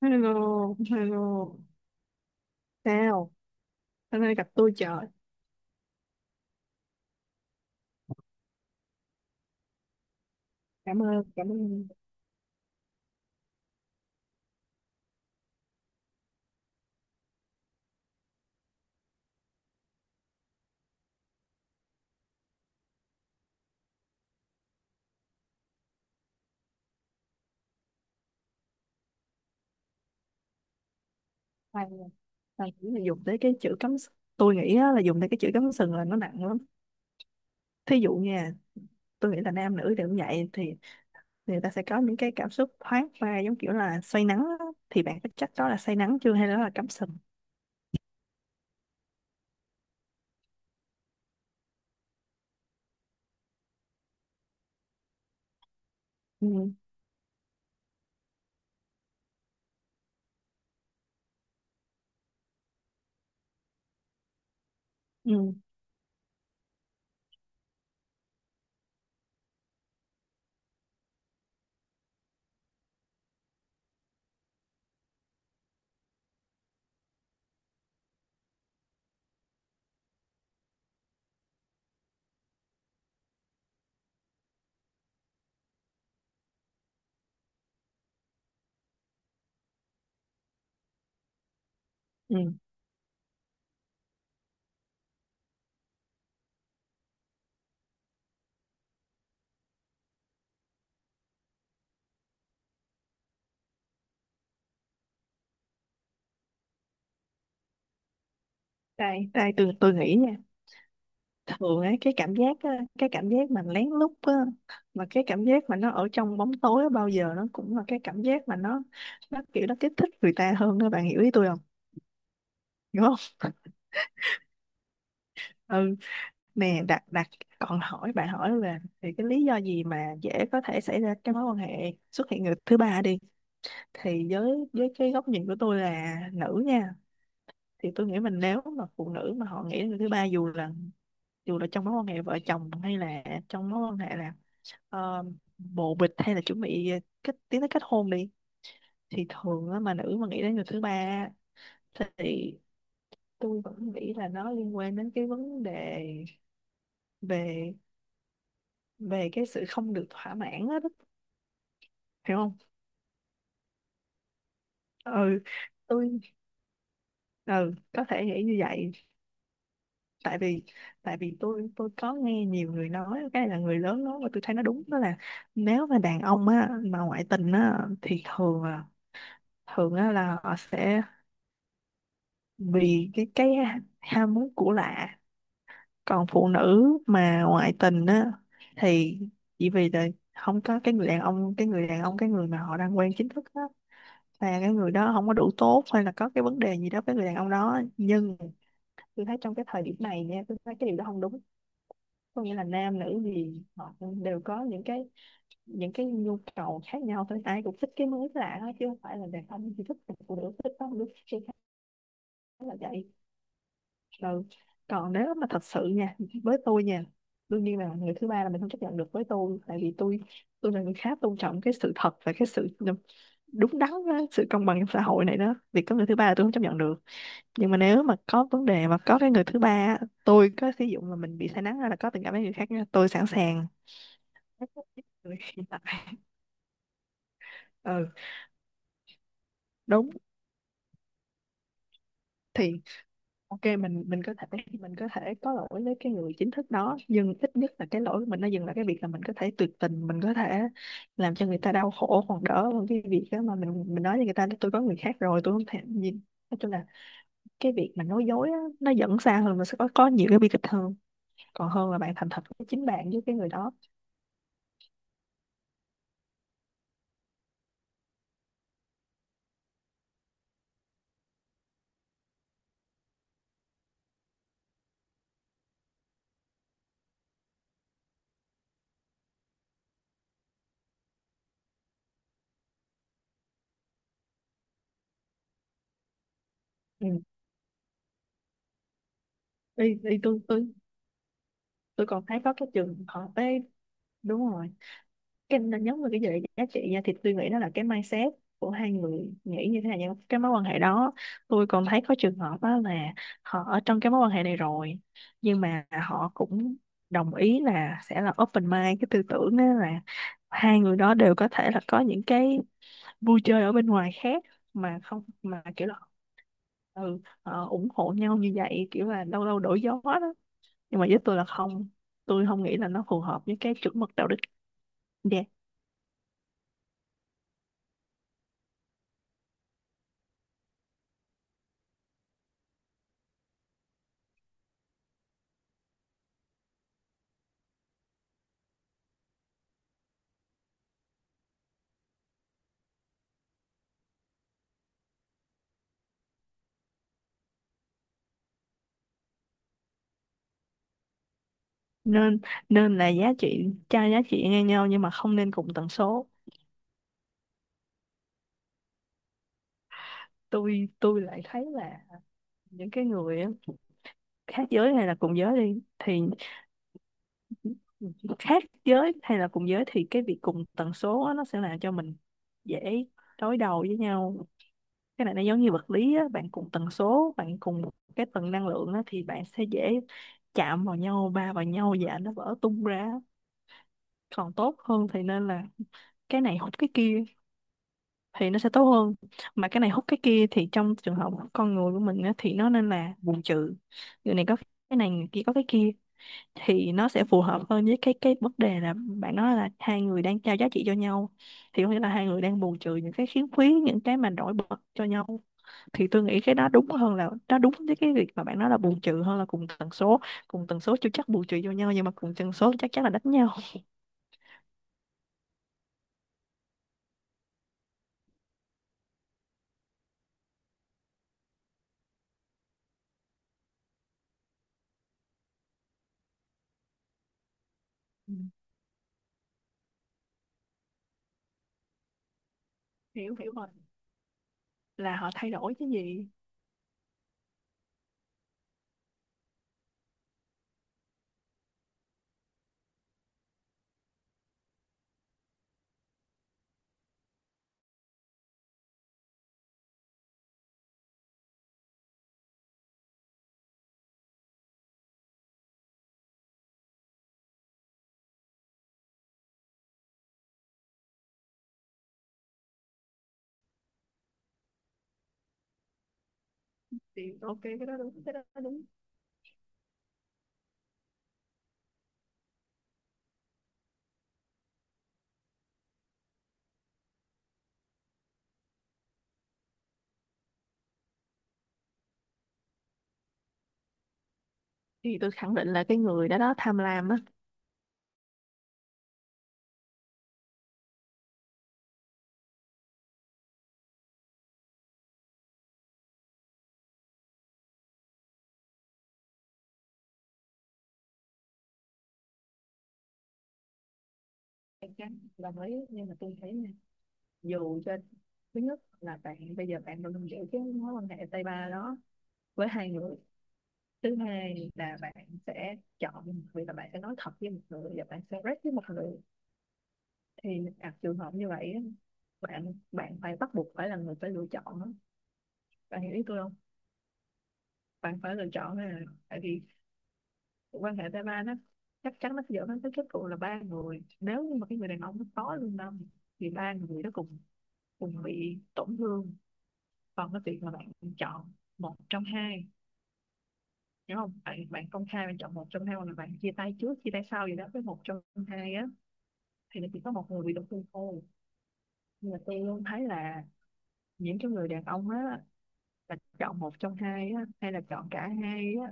Hello, hello. Sao? Hôm nay gặp tôi trời. Cảm ơn, cảm ơn. Thầy, thầy nghĩ là dùng tới cái chữ cắm s- Tôi nghĩ á, là dùng tới cái chữ cắm sừng là nó nặng lắm. Thí dụ nha, tôi nghĩ là nam nữ đều như vậy thì người ta sẽ có những cái cảm xúc thoáng qua giống kiểu là say nắng á. Thì bạn có chắc đó là say nắng chưa hay đó là cắm sừng? Ừ, ừ, ừ. Đây, đây tôi nghĩ nha. Thường ấy cái cảm giác á, cái cảm giác mà lén lút á, mà cái cảm giác mà nó ở trong bóng tối á, bao giờ nó cũng là cái cảm giác mà nó kiểu nó kích thích người ta hơn đó, bạn hiểu ý tôi không, đúng không? Ừ, nè đặt đặt còn hỏi, bạn hỏi là thì cái lý do gì mà dễ có thể xảy ra cái mối quan hệ xuất hiện người thứ ba đi, thì với cái góc nhìn của tôi là nữ nha, thì tôi nghĩ mình nếu mà phụ nữ mà họ nghĩ đến người thứ ba, dù là trong mối quan hệ vợ chồng hay là trong mối quan hệ là ờ, bồ bịch hay là chuẩn bị kết tiến tới kết hôn đi, thì thường á, mà nữ mà nghĩ đến người thứ ba á, thì tôi vẫn nghĩ là nó liên quan đến cái vấn đề về về cái sự không được thỏa mãn á đó, hiểu không? Ừ tôi, ừ có thể nghĩ như vậy. Tại vì tại vì tôi có nghe nhiều người nói cái này, là người lớn nói, và tôi thấy nó đúng, đó là nếu mà đàn ông á mà ngoại tình á thì thường là thường á là họ sẽ vì cái ham muốn của lạ, còn phụ nữ mà ngoại tình á thì chỉ vì là không có cái người đàn ông, cái người đàn ông, cái người mà họ đang quen chính thức á, là cái người đó không có đủ tốt hay là có cái vấn đề gì đó với người đàn ông đó, nhưng tôi thấy trong cái thời điểm này nha, tôi thấy cái điều đó không đúng. Có nghĩa là nam nữ gì họ cũng đều có những cái nhu cầu khác nhau thôi, ai cũng thích cái mới lạ hết chứ không phải là đàn ông chỉ thích một, phụ nữ thích có một đứa thích cái khác, là vậy. Ừ. Còn nếu mà thật sự nha, với tôi nha, đương nhiên là người thứ ba là mình không chấp nhận được, với tôi tại vì tôi là người khá tôn trọng cái sự thật và cái sự đúng đắn á, sự công bằng trong xã hội này đó, việc có người thứ ba là tôi không chấp nhận được. Nhưng mà nếu mà có vấn đề mà có cái người thứ ba á, tôi có sử dụng mà mình bị say nắng hay là có tình cảm với người khác nha, tôi sẵn sàng. Ừ, đúng. Thì OK, mình có thể, mình có thể có lỗi với cái người chính thức đó, nhưng ít nhất là cái lỗi của mình nó dừng lại cái việc là mình có thể tuyệt tình, mình có thể làm cho người ta đau khổ, còn đỡ hơn cái việc đó mà mình nói với người ta là tôi có người khác rồi, tôi không thèm gì. Nói chung là cái việc mà nói dối á, nó dẫn xa hơn, nó sẽ có nhiều cái bi kịch hơn còn hơn là bạn thành thật với chính bạn với cái người đó. Ừ. Đi đi tôi còn thấy có cái trường hợp ấy. Đúng rồi, cái nó nhấn vào cái gì giá trị nha, thì tôi nghĩ đó là cái mindset của hai người nghĩ như thế nào trong cái mối quan hệ đó. Tôi còn thấy có trường hợp đó là họ ở trong cái mối quan hệ này rồi, nhưng mà họ cũng đồng ý là sẽ là open mind, cái tư tưởng đó là hai người đó đều có thể là có những cái vui chơi ở bên ngoài khác, mà không mà kiểu là ừ, ờ, ủng hộ nhau như vậy, kiểu là lâu lâu đổi gió đó. Nhưng mà với tôi là không, tôi không nghĩ là nó phù hợp với cái chuẩn mực đạo đức. Dạ. nên nên là giá trị cho giá trị ngang nhau, nhưng mà không nên cùng tần số. Tôi lại thấy là những cái người á, khác giới hay là cùng giới đi thì khác giới hay là cùng giới, thì cái việc cùng tần số á, nó sẽ làm cho mình dễ đối đầu với nhau. Cái này nó giống như vật lý á, bạn cùng tần số, bạn cùng một cái tầng năng lượng á, thì bạn sẽ dễ chạm vào nhau, va vào nhau và nó vỡ tung ra. Còn tốt hơn thì nên là cái này hút cái kia, thì nó sẽ tốt hơn. Mà cái này hút cái kia thì trong trường hợp con người của mình á, thì nó nên là bù trừ. Người này có cái này, người kia có cái kia, thì nó sẽ phù hợp hơn với cái vấn đề là bạn nói là hai người đang trao giá trị cho nhau, thì có nghĩa là hai người đang bù trừ những cái khiếm khuyết, những cái mà nổi bật cho nhau. Thì tôi nghĩ cái đó đúng hơn, là nó đúng với cái việc mà bạn nói, là bù trừ hơn là cùng tần số. Cùng tần số chưa chắc bù trừ cho nhau, nhưng mà cùng tần số chắc chắn là đánh nhau. Ừ, hiểu hiểu rồi, là họ thay đổi cái gì. Thì OK, cái đó đúng, cái đó đúng. Thì tôi khẳng định là cái người đó đó tham lam á. Em chắc đồng ý, nhưng mà tôi thấy nha, dù cho thứ nhất là bạn bây giờ bạn đang giữ cái mối quan hệ tay ba đó với hai người, thứ hai là bạn sẽ chọn một người, là bạn sẽ nói thật với một người và bạn sẽ rep với một người. Thì gặp trường hợp như vậy á, bạn bạn phải bắt buộc phải là người phải lựa chọn á. Bạn hiểu ý tôi không? Bạn phải lựa chọn, là tại vì quan hệ tay ba nó chắc chắn nó sẽ dẫn đến cái kết cục là ba người, nếu như mà cái người đàn ông nó có lương tâm thì ba người đó cùng cùng bị tổn thương. Còn cái việc mà bạn chọn một trong hai, đúng không, bạn bạn công khai bạn chọn một trong hai, hoặc là bạn chia tay trước chia tay sau gì đó với một trong hai á, thì nó chỉ có một người bị tổn thương thôi. Nhưng mà tôi luôn thấy là những cái người đàn ông á, là chọn một trong hai á hay là chọn cả hai á,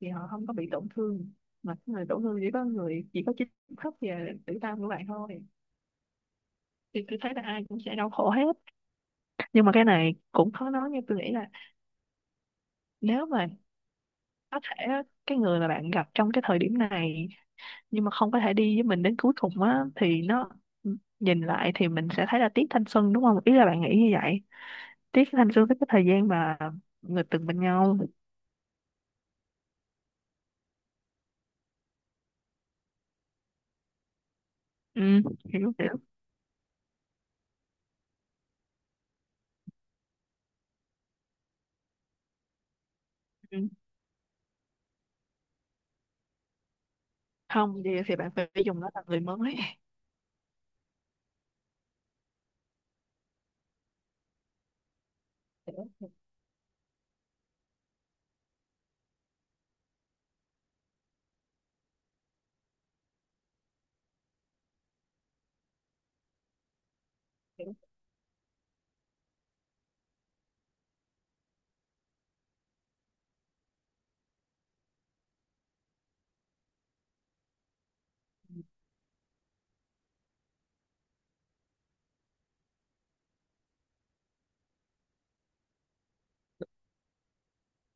thì họ không có bị tổn thương, mà cái người tổn thương chỉ có người, chỉ có chính thức về tử tâm của bạn thôi. Thì tôi thấy là ai cũng sẽ đau khổ hết. Nhưng mà cái này cũng khó nói, như tôi nghĩ là nếu mà có thể á, cái người mà bạn gặp trong cái thời điểm này nhưng mà không có thể đi với mình đến cuối cùng á, thì nó nhìn lại thì mình sẽ thấy là tiếc thanh xuân, đúng không, ý là bạn nghĩ như vậy, tiếc thanh xuân với cái thời gian mà người từng bên nhau. Ừ, hiểu hiểu. Ừ. Không thì, thì bạn phải dùng nó là người mới. Hiểu, hiểu.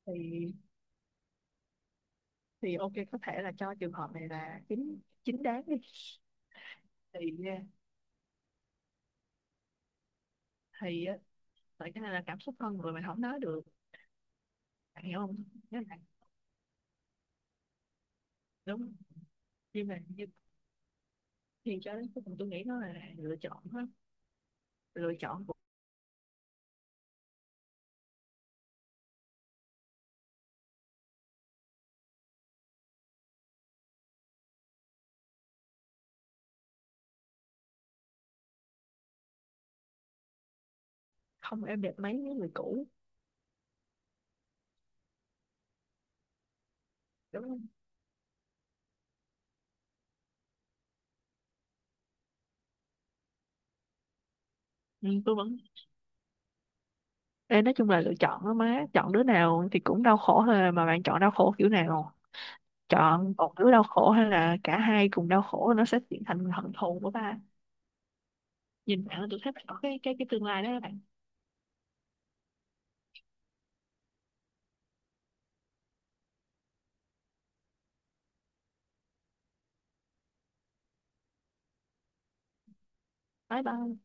thì thì OK, có thể là cho trường hợp này là chính chính đáng đi. Thì à, thì á, tại cái này là cảm xúc con người mình không nói được. Bạn hiểu không? Nhớ lại, đúng, nhưng mà thì cho đến cuối cùng tôi nghĩ nó là lựa chọn hết. Lựa chọn cũng không êm đẹp mấy với người cũ, đúng không? Ừ, tôi vẫn. Ê, nói chung là lựa chọn đó má, chọn đứa nào thì cũng đau khổ thôi à, mà bạn chọn đau khổ kiểu nào, chọn một đứa đau khổ hay là cả hai cùng đau khổ, nó sẽ chuyển thành hận thù của ba. Nhìn bạn tôi thấy bạn có cái tương lai đó các bạn. Bye bye.